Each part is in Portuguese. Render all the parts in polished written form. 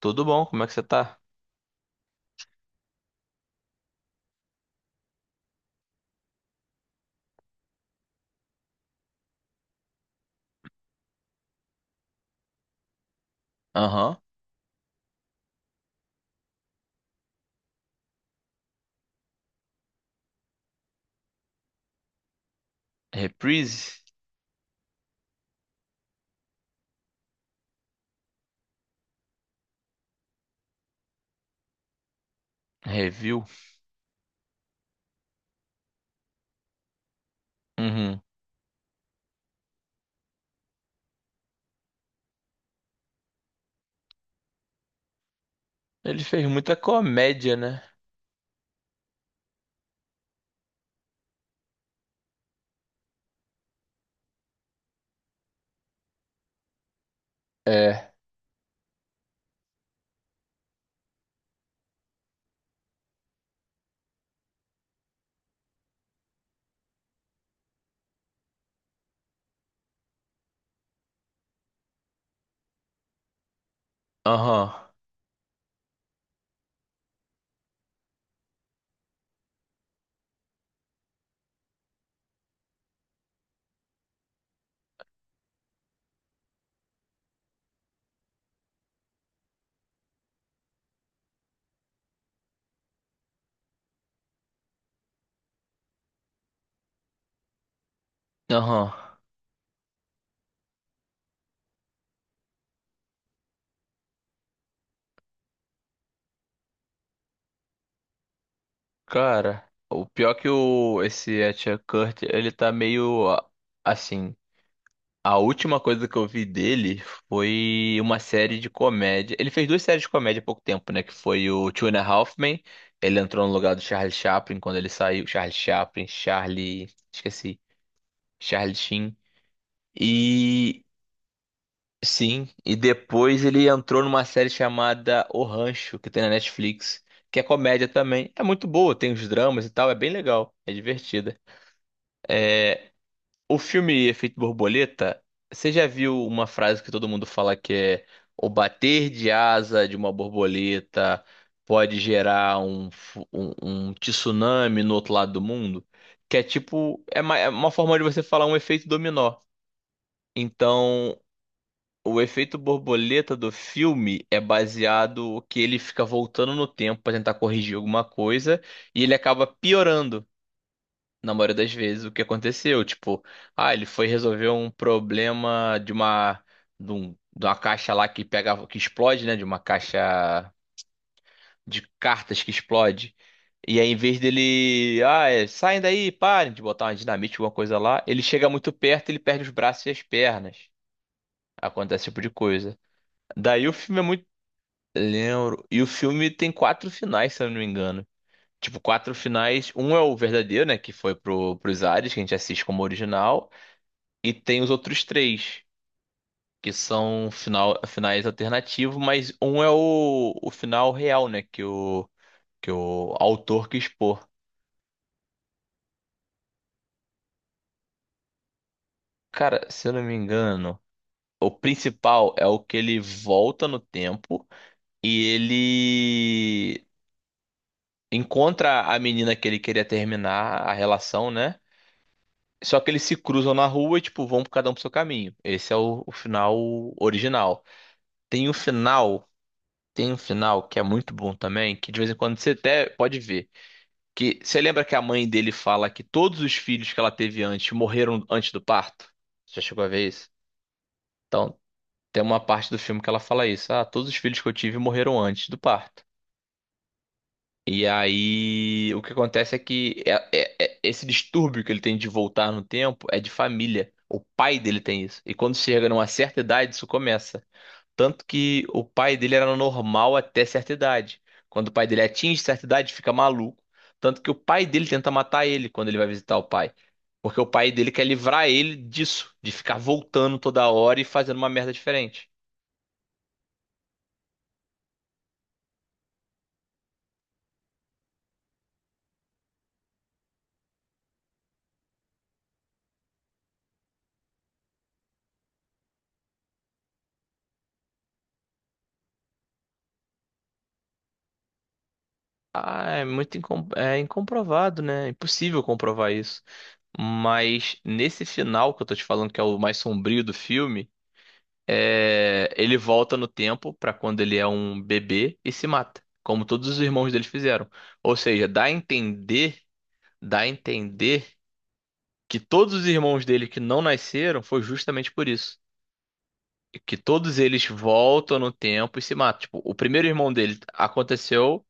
Tudo bom? Como é que você tá? Aham. Reprise? Review? Uhum. Ele fez muita comédia, né? É. Aham. Aham. Cara, o pior é que o esse Etcher Kurt, ele tá meio assim. A última coisa que eu vi dele foi uma série de comédia. Ele fez duas séries de comédia há pouco tempo, né? Que foi o Two and a Half Men. Ele entrou no lugar do Charlie Chaplin quando ele saiu. Charlie Chaplin, Charlie. Esqueci. Charlie Sheen. E sim, e depois ele entrou numa série chamada O Rancho, que tem na Netflix, que é comédia também. É muito boa, tem os dramas e tal, é bem legal, é divertida. O filme Efeito Borboleta, você já viu uma frase que todo mundo fala que é o bater de asa de uma borboleta pode gerar um tsunami no outro lado do mundo? Que é tipo, é é uma forma de você falar um efeito dominó. Então, o efeito borboleta do filme é baseado que ele fica voltando no tempo para tentar corrigir alguma coisa e ele acaba piorando na maioria das vezes o que aconteceu. Tipo, ah, ele foi resolver um problema de uma de uma caixa lá que pega que explode, né? De uma caixa de cartas que explode. E aí, em vez dele, ah, é, saem daí, parem de botar uma dinamite, alguma coisa lá, ele chega muito perto, ele perde os braços e as pernas. Acontece esse tipo de coisa. Daí o filme é muito lembro. E o filme tem quatro finais, se eu não me engano. Tipo, quatro finais. Um é o verdadeiro, né? Que foi pro, pros ares, que a gente assiste como original. E tem os outros três, que são finais alternativos, mas um é o final real, né? Que o autor quis pôr. Cara, se eu não me engano, o principal é o que ele volta no tempo e ele encontra a menina que ele queria terminar a relação, né? Só que eles se cruzam na rua e, tipo, vão cada um pro seu caminho. Esse é o final original. Tem um final, tem um final que é muito bom também, que de vez em quando você até pode ver. Que você lembra que a mãe dele fala que todos os filhos que ela teve antes morreram antes do parto? Você já chegou a ver isso? Então, tem uma parte do filme que ela fala isso. Ah, todos os filhos que eu tive morreram antes do parto. E aí, o que acontece é que esse distúrbio que ele tem de voltar no tempo é de família. O pai dele tem isso. E quando chega numa certa idade, isso começa. Tanto que o pai dele era normal até certa idade. Quando o pai dele atinge certa idade, fica maluco. Tanto que o pai dele tenta matar ele quando ele vai visitar o pai. Porque o pai dele quer livrar ele disso, de ficar voltando toda hora e fazendo uma merda diferente. Ah, é muito é incomprovado, né? É impossível comprovar isso. Mas nesse final que eu tô te falando, que é o mais sombrio do filme, é, ele volta no tempo pra quando ele é um bebê e se mata, como todos os irmãos dele fizeram. Ou seja, dá a entender que todos os irmãos dele que não nasceram foi justamente por isso. Que todos eles voltam no tempo e se matam. Tipo, o primeiro irmão dele aconteceu.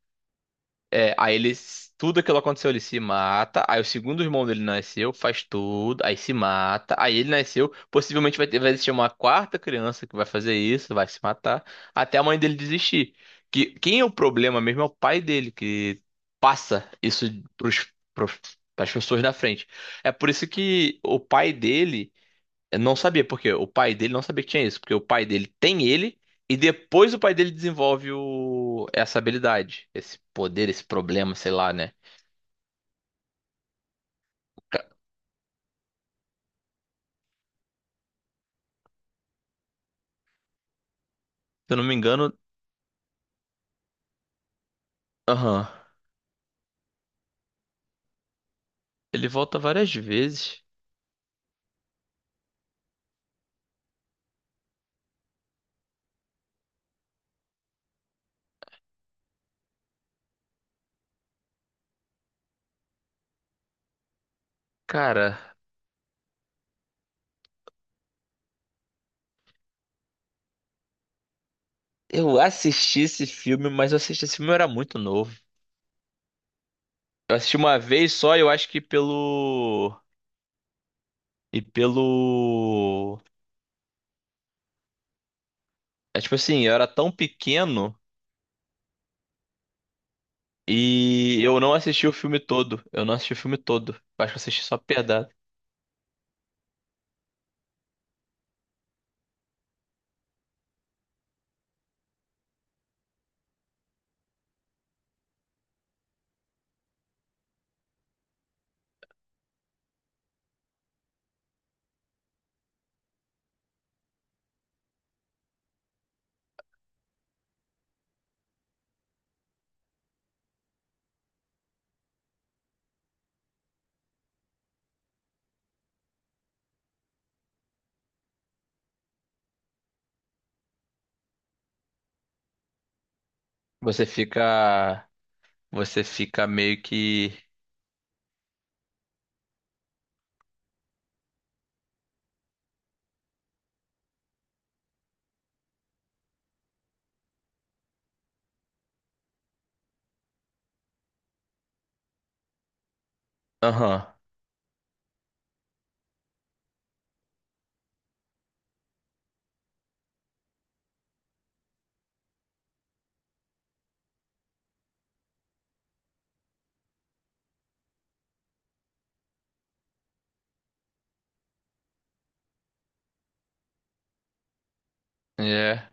É, aí ele, tudo aquilo aconteceu, ele se mata. Aí o segundo irmão dele nasceu, faz tudo, aí se mata. Aí ele nasceu, possivelmente vai ter, vai existir uma quarta criança que vai fazer isso, vai se matar, até a mãe dele desistir. Que quem é o problema mesmo é o pai dele que passa isso pros, pros, pras pessoas na frente. É por isso que o pai dele, eu não sabia porque o pai dele não sabia que tinha isso, porque o pai dele tem ele e depois o pai dele desenvolve o... essa habilidade, esse poder, esse problema, sei lá, né? Ca- Se eu não me engano, aham, ele volta várias vezes. Cara, eu assisti esse filme, mas eu era muito novo. Eu assisti uma vez só, eu acho que pelo e pelo é tipo assim, eu era tão pequeno e eu não assisti o filme todo. Eu não assisti o filme todo. Eu acho que eu assisti só pedaço. Você fica. Você fica meio que. Aham. É.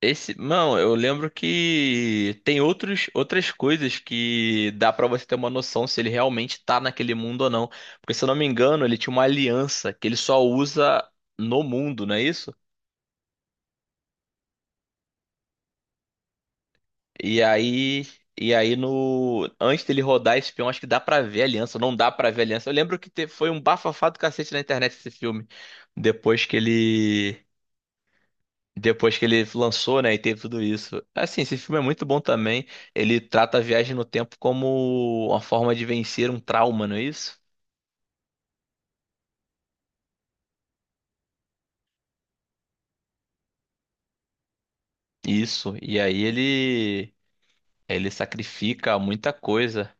Esse. Não, eu lembro que tem outras coisas que dá pra você ter uma noção se ele realmente tá naquele mundo ou não. Porque, se eu não me engano, ele tinha uma aliança que ele só usa no mundo, não é isso? E aí. E aí no. Antes dele rodar esse filme, acho que dá pra ver a aliança. Não dá pra ver a aliança. Eu lembro que foi um bafafá do cacete na internet esse filme. Depois que ele. Depois que ele lançou, né, e teve tudo isso. Assim, esse filme é muito bom também. Ele trata a viagem no tempo como uma forma de vencer um trauma, não é isso? Isso. E aí ele sacrifica muita coisa.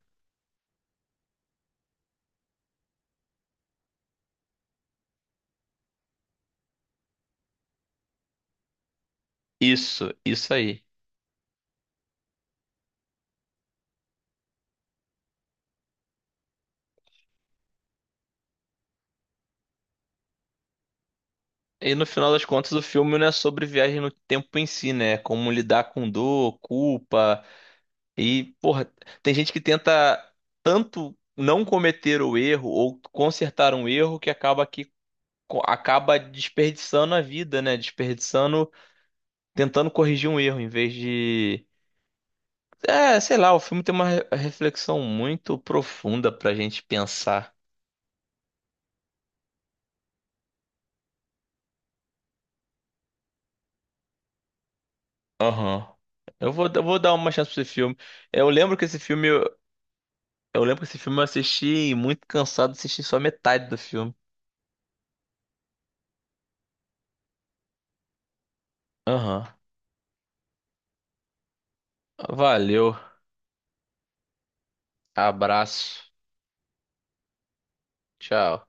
Isso aí. E no final das contas, o filme não é sobre viagem no tempo em si, né? É como lidar com dor, culpa e, porra, tem gente que tenta tanto não cometer o erro ou consertar um erro que acaba que acaba desperdiçando a vida, né? Desperdiçando, tentando corrigir um erro, em vez de. É, sei lá, o filme tem uma reflexão muito profunda pra gente pensar. Aham. Eu vou dar uma chance pra esse filme. Eu lembro que esse filme, eu lembro que esse filme eu assisti muito cansado, assisti só metade do filme. Aham. Valeu. Abraço. Tchau.